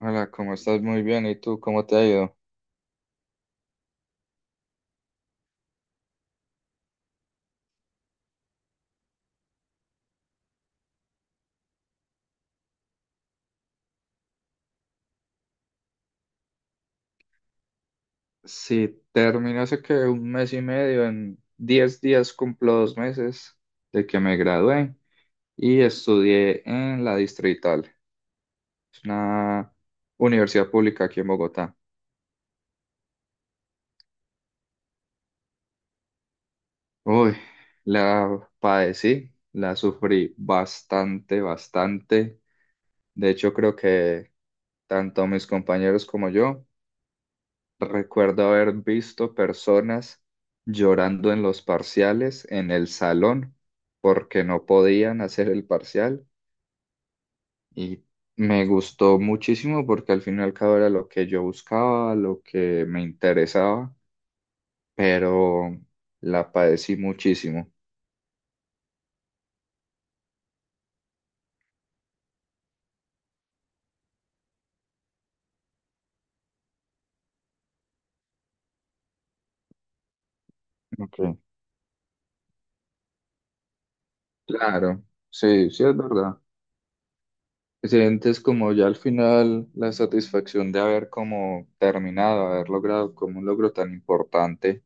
Hola, ¿cómo estás? Muy bien. ¿Y tú cómo te ha ido? Sí, terminé hace que un mes y medio. En 10 días cumplo 2 meses de que me gradué y estudié en la Distrital. Es una universidad pública aquí en Bogotá. Uy, la padecí, la sufrí bastante, bastante. De hecho, creo que tanto mis compañeros como yo. Recuerdo haber visto personas llorando en los parciales en el salón porque no podían hacer el parcial y me gustó muchísimo porque al fin y al cabo era lo que yo buscaba, lo que me interesaba, pero la padecí muchísimo. Ok. Claro, sí, sí es verdad. Sientes como ya al final la satisfacción de haber como terminado, haber logrado como un logro tan importante.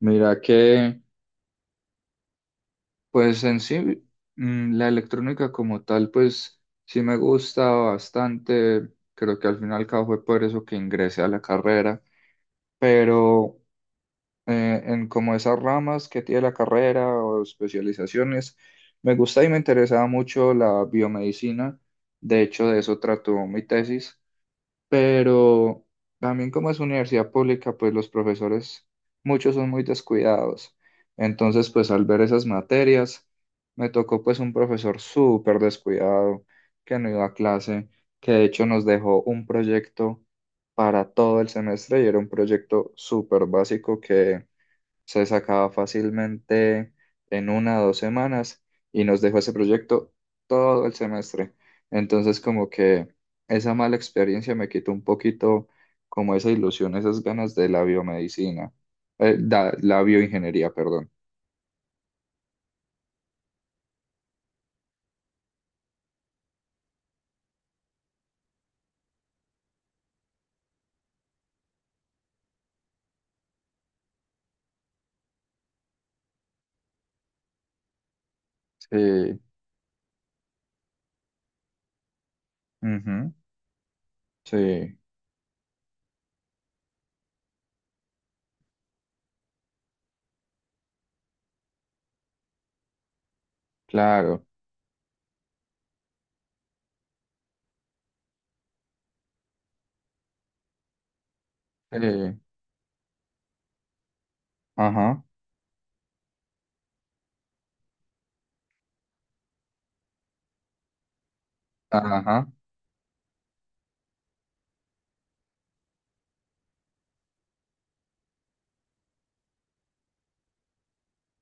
Mira que. Pues en sí, la electrónica como tal, pues sí me gusta bastante. Creo que al final y al cabo fue por eso que ingresé a la carrera. Pero en como esas ramas que tiene la carrera o especializaciones, me gusta y me interesaba mucho la biomedicina. De hecho, de eso trató mi tesis, pero también como es universidad pública, pues los profesores, muchos son muy descuidados. Entonces, pues al ver esas materias, me tocó pues un profesor súper descuidado, que no iba a clase, que de hecho nos dejó un proyecto para todo el semestre y era un proyecto súper básico que se sacaba fácilmente en 1 o 2 semanas y nos dejó ese proyecto todo el semestre. Entonces como que esa mala experiencia me quitó un poquito como esa ilusión, esas ganas de la biomedicina, la bioingeniería, perdón. Sí, ujú, sí, claro, sí, ajá, ajá,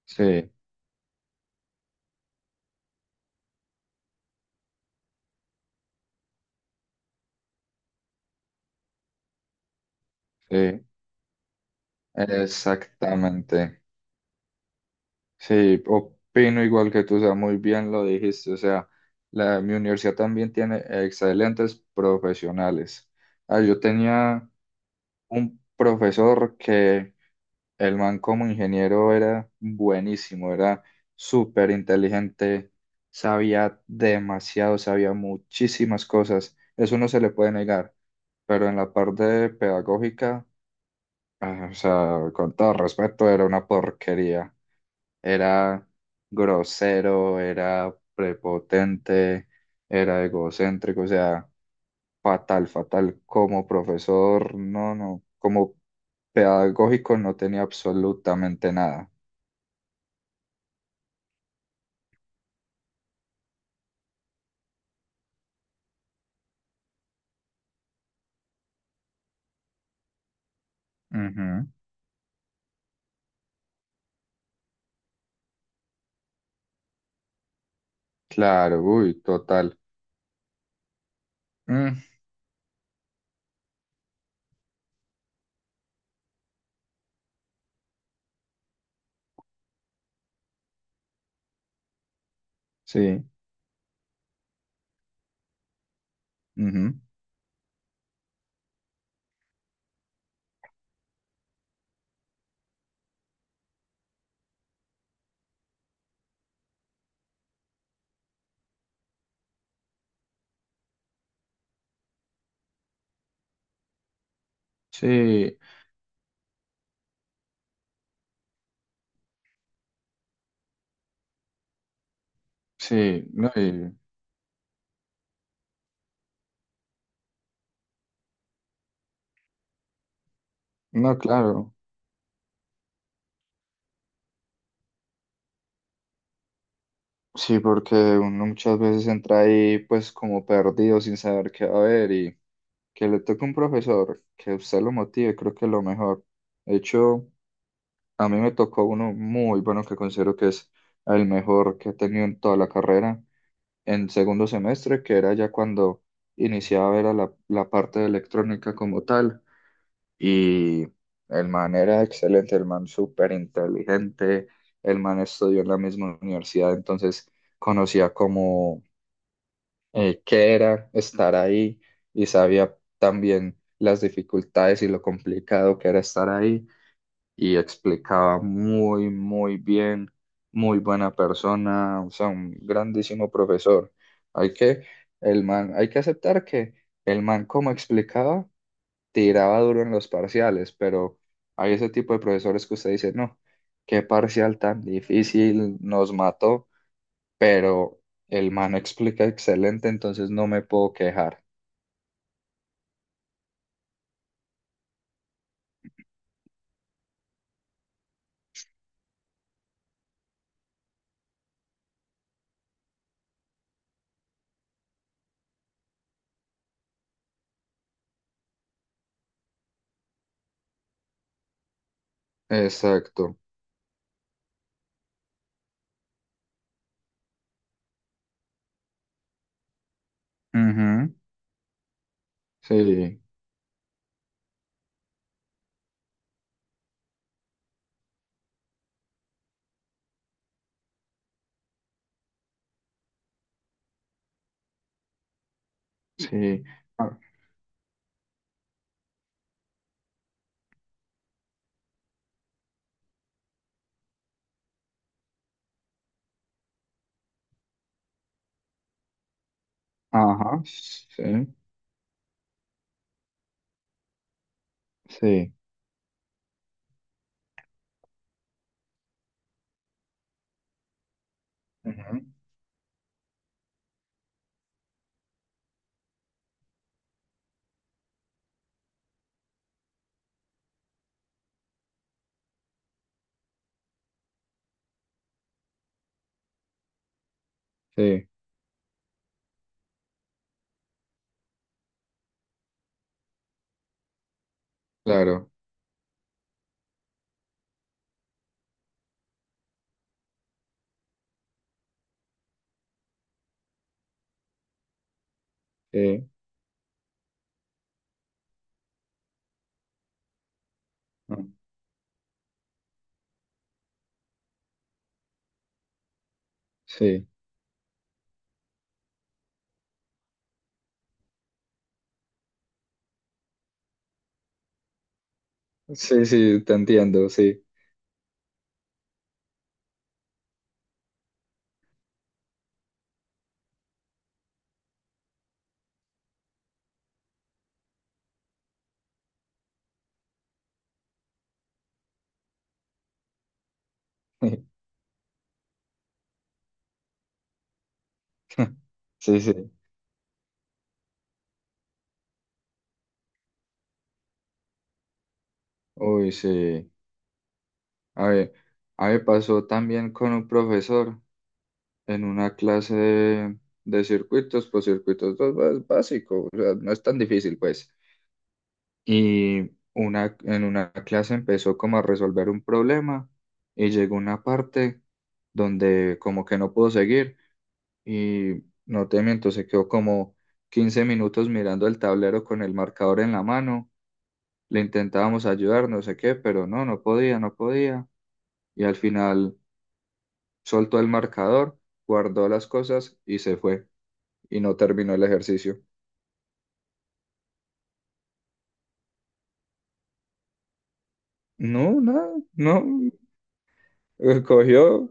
sí, sí, exactamente. Sí, opino igual que tú, o sea, muy bien lo dijiste. O sea, mi universidad también tiene excelentes profesionales. Ah, yo tenía un profesor que el man como ingeniero era buenísimo, era súper inteligente, sabía demasiado, sabía muchísimas cosas, eso no se le puede negar, pero en la parte pedagógica, ah, o sea, con todo respeto, era una porquería. Era grosero, era prepotente, era egocéntrico, o sea, fatal, fatal. Como profesor, no, no, como pedagógico no tenía absolutamente nada. Ujú. Claro, uy, total. Mm, sí, ujú. Sí, sí, no, no, claro. Sí, porque uno muchas veces entra ahí pues como perdido sin saber qué va a haber y que le toque un profesor que usted lo motive, creo que es lo mejor. De hecho, a mí me tocó uno muy bueno que considero que es el mejor que he tenido en toda la carrera en segundo semestre, que era ya cuando iniciaba a ver a la parte de electrónica como tal. Y el man era excelente, el man súper inteligente, el man estudió en la misma universidad, entonces conocía como qué era estar ahí y sabía también las dificultades y lo complicado que era estar ahí y explicaba muy, muy bien, muy buena persona, o sea, un grandísimo profesor. Hay que, el man, hay que aceptar que el man como explicaba tiraba duro en los parciales, pero hay ese tipo de profesores que usted dice, no, qué parcial tan difícil, nos mató, pero el man explica excelente, entonces no me puedo quejar. Exacto. Ujú. Sí, sí. Ah, ajá, sí, sí. Ujú. Sí, claro. Sí, ah, sí. Sí, sí, te entiendo, sí. Sí, sí. Uy, sí. A ver, a mí me pasó también con un profesor en una clase de circuitos, pues circuitos dos, pues, básico, o sea, no es tan difícil, pues. Y en una clase empezó como a resolver un problema y llegó una parte donde como que no pudo seguir y no te miento, se quedó como 15 minutos mirando el tablero con el marcador en la mano. Le intentábamos ayudar, no sé qué, pero no, no podía, no podía. Y al final soltó el marcador, guardó las cosas y se fue. Y no terminó el ejercicio. No, nada, no. Cogió,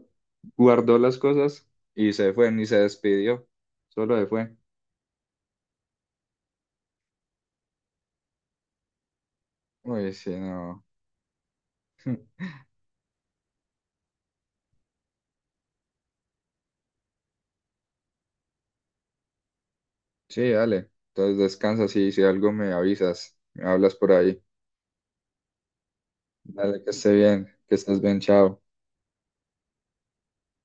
guardó las cosas y se fue, ni se despidió. Solo se fue. Uy, sí, no. Sí, dale. Entonces descansa, sí, si algo me avisas, me hablas por ahí. Dale, que esté bien, que estés bien, chao.